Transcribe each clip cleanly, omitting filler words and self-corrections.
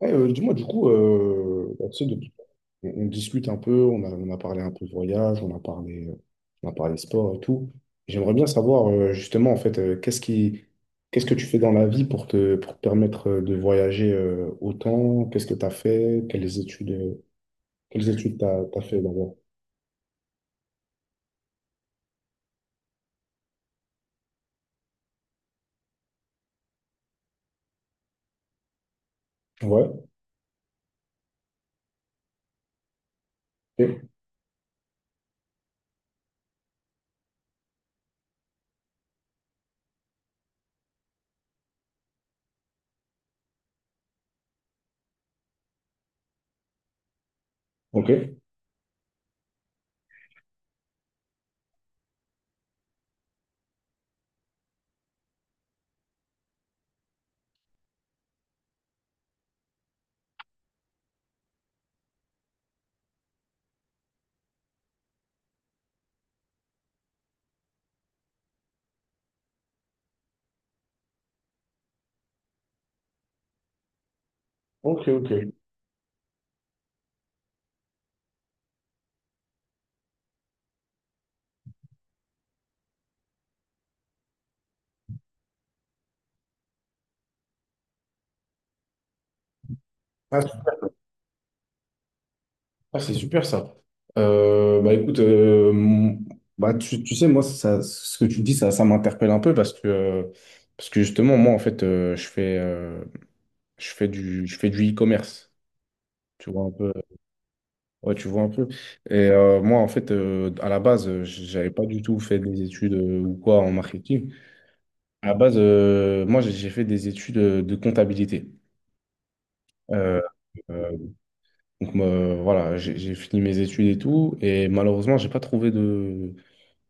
Ouais, dis-moi, du coup, bah, tu sais, on discute un peu, on a parlé un peu de voyage, on a parlé sport et tout. J'aimerais bien savoir, justement, en fait, qu'est-ce que tu fais dans la vie pour pour te permettre de voyager autant? Qu'est-ce que tu as fait? Quelles études tu as fait d'abord? Ouais, ok, ok, ok, ok. Ah, c'est super ça. Bah écoute, bah, tu sais, ce que tu dis, ça m'interpelle un peu parce que justement, moi, en fait, je fais du e-commerce. Tu vois un peu. Ouais, tu vois un peu. Et moi, en fait, à la base, j'avais pas du tout fait des études ou quoi en marketing. À la base, moi, j'ai fait des études de comptabilité. Euh, euh, donc, moi, voilà, j'ai fini mes études et tout. Et malheureusement, j'ai pas trouvé de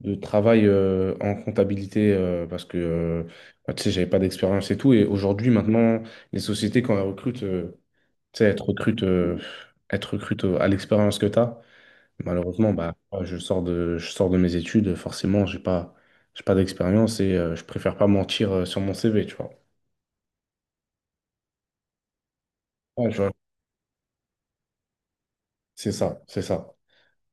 de travail en comptabilité parce que bah, tu sais, j'avais pas d'expérience et tout. Et aujourd'hui, maintenant, les sociétés, quand elles recrutent, tu sais, elles te recrutent à l'expérience que tu as. Malheureusement, bah, moi, je sors de mes études, forcément, j'ai pas d'expérience et je préfère pas mentir sur mon CV, tu vois. Ouais, je vois. C'est ça, c'est ça.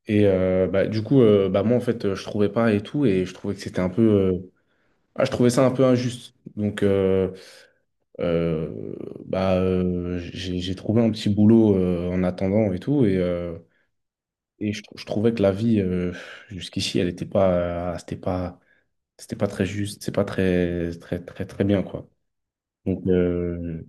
Et bah, du coup, bah, moi, en fait, je trouvais pas et tout, et je trouvais que c'était un peu, ah, je trouvais ça un peu injuste. Donc, Euh, bah, j'ai trouvé un petit boulot en attendant et tout. Et je trouvais que la vie, jusqu'ici, elle n'était pas, c'était pas très juste, c'est pas très, très, très, très bien, quoi. Donc,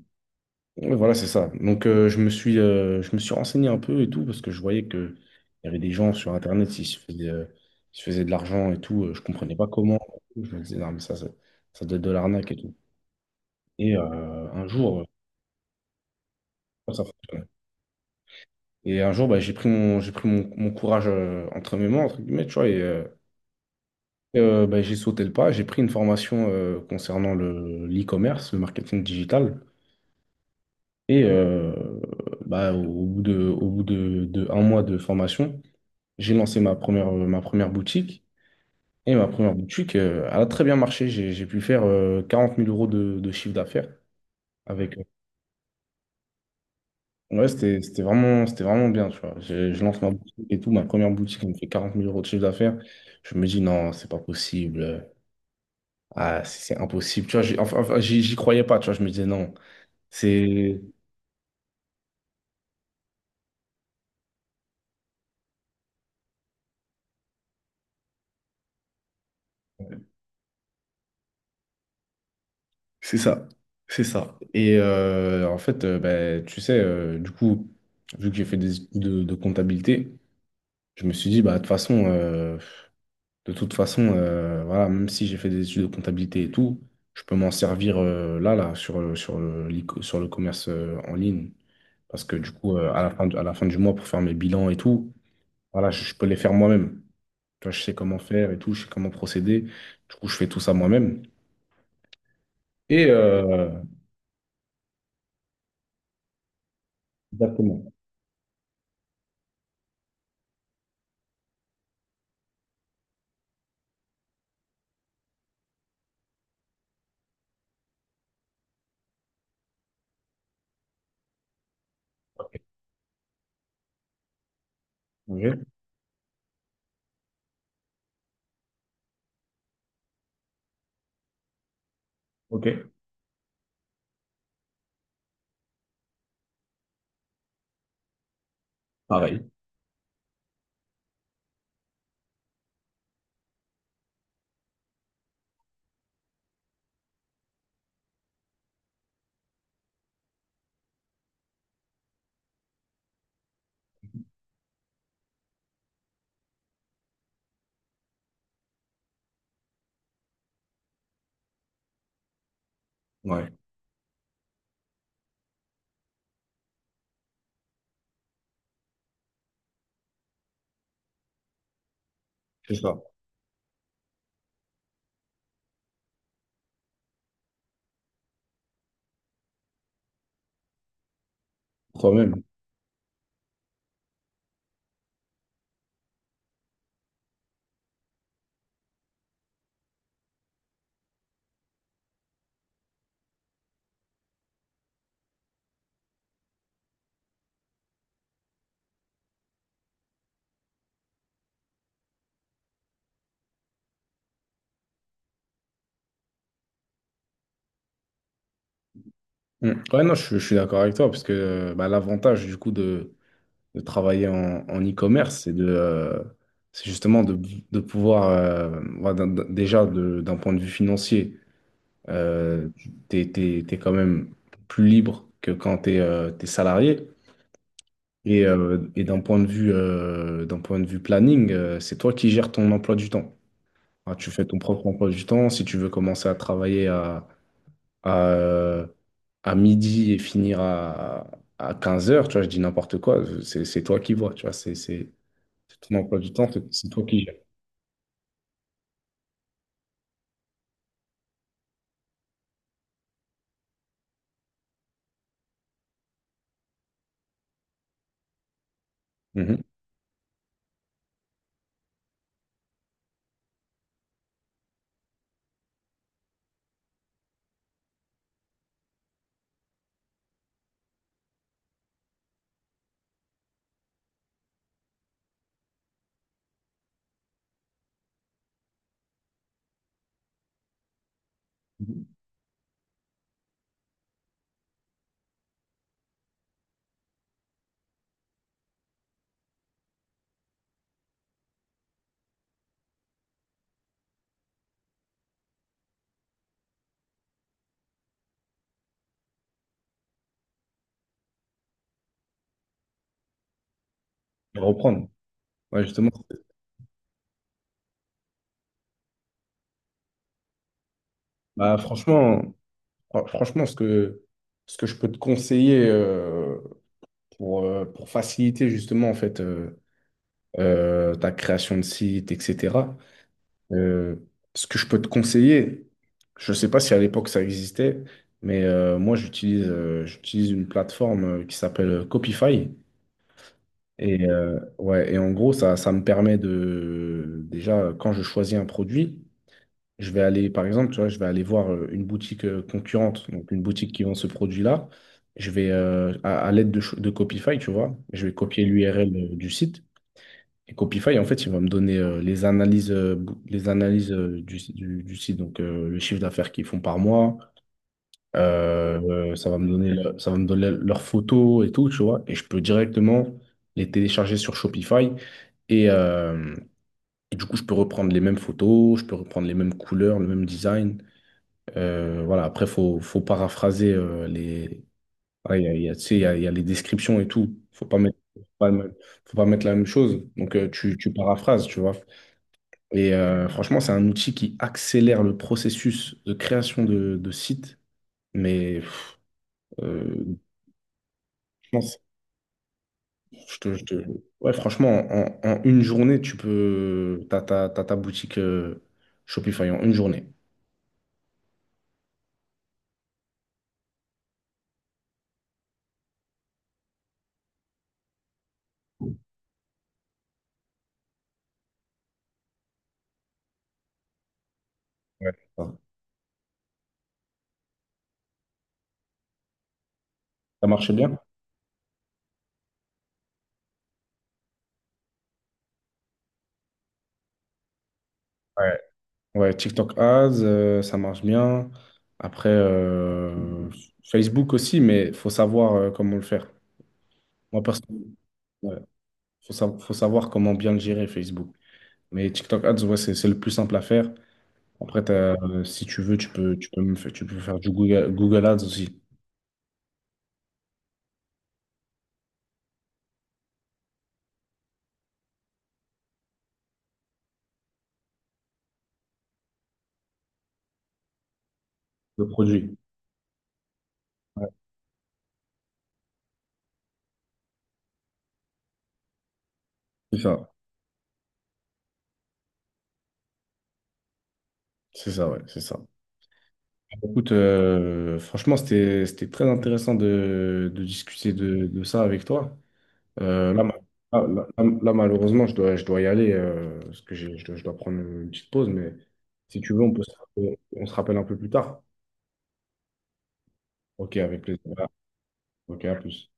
ouais, voilà, c'est ça. Donc, je me suis renseigné un peu et tout, parce que je voyais que il y avait des gens sur Internet qui se faisaient de l'argent et tout. Je comprenais pas comment. Je me disais, non, mais ça doit être de l'arnaque et tout. Et un jour, ça fonctionne. Et un jour, bah, mon courage entre mes mains, entre guillemets, tu vois, et bah, j'ai sauté le pas. J'ai pris une formation concernant l'e-commerce, le marketing digital. Et bah, au bout de un mois de formation, j'ai lancé ma première boutique. Et ma première boutique, elle a très bien marché. J'ai pu faire 40 000 euros de chiffre d'affaires avec. Ouais, c'était vraiment bien, tu vois. Je lance ma boutique et tout. Ma première boutique, elle me fait 40 000 euros de chiffre d'affaires. Je me dis, non, c'est pas possible. Ah, c'est impossible. Tu vois, enfin, j'y croyais pas, tu vois. Je me disais, non, c'est c'est ça. C'est ça. Et en fait, ben, tu sais, du coup, vu que j'ai fait des études de comptabilité, je me suis dit, bah, de toute façon, voilà, même si j'ai fait des études de comptabilité et tout, je peux m'en servir là, sur le commerce en ligne. Parce que du coup, à la fin du mois, pour faire mes bilans et tout, voilà, je peux les faire moi-même. Tu vois, je sais comment faire et tout, je sais comment procéder. Du coup, je fais tout ça moi-même. Et exactement. Ok. Ok. Ok. Pareil. Ouais, c'est ça. Toi-même. Mm. Ouais, non, je suis d'accord avec toi, parce que bah, l'avantage du coup de travailler en e-commerce, c'est c'est justement de pouvoir, voilà, d'un point de vue financier, euh, t'es quand même plus libre que quand t'es salarié. Et d'un point de vue planning, c'est toi qui gères ton emploi du temps. Ah, tu fais ton propre emploi du temps. Si tu veux commencer à travailler à, euh, à midi et finir à 15 heures, tu vois, je dis n'importe quoi, c'est toi qui vois, tu vois, c'est ton emploi du temps, c'est toi qui gères. Mhm. Mhm. Et reprendre. Ouais, justement. Bah, franchement, franchement, ce que je peux te conseiller, pour faciliter justement en fait, ta création de site, etc. euh, Ce que je peux te conseiller, je ne sais pas si à l'époque ça existait, mais moi j'utilise j'utilise une plateforme qui s'appelle Copify. Ouais, et en gros, ça me permet de déjà quand je choisis un produit. Je vais aller, par exemple, tu vois, je vais aller voir une boutique concurrente, donc une boutique qui vend ce produit-là. À l'aide de Copify, tu vois, je vais copier l'URL du site. Et Copify, en fait, il va me donner les analyses du, si- du site, donc le chiffre d'affaires qu'ils font par mois. Ça va me donner leurs photos et tout, tu vois. Et je peux directement les télécharger sur Shopify. Et, euh, et du coup, je peux reprendre les mêmes photos, je peux reprendre les mêmes couleurs, le même design. Voilà, après, faut paraphraser les. Voilà, tu sais, il y a les descriptions et tout. Faut pas mettre la même chose. Donc, tu paraphrases, tu vois. Et franchement, c'est un outil qui accélère le processus de création de sites. Mais euh, je pense- je te- Ouais, franchement, en une journée, tu peux. T'as ta boutique Shopify en une journée. Ouais. Ça marche bien? Ouais. Ouais, TikTok Ads, ça marche bien. Après, Facebook aussi, mais il faut savoir comment le faire. Moi, personnellement, ouais, faut savoir comment bien le gérer, Facebook. Mais TikTok Ads, ouais, c'est le plus simple à faire. Après, si tu veux, tu peux faire du Google Ads aussi, le produit. Ouais, c'est ça, c'est ça, ouais, c'est ça. Écoute, franchement, c'était très intéressant de discuter de ça avec toi. Euh, là, ma- ah, là, malheureusement, je dois y aller parce que je dois prendre une petite pause. Mais si tu veux, on se rappelle un peu plus tard. Ok, avec plaisir. Voilà. Ok, à plus.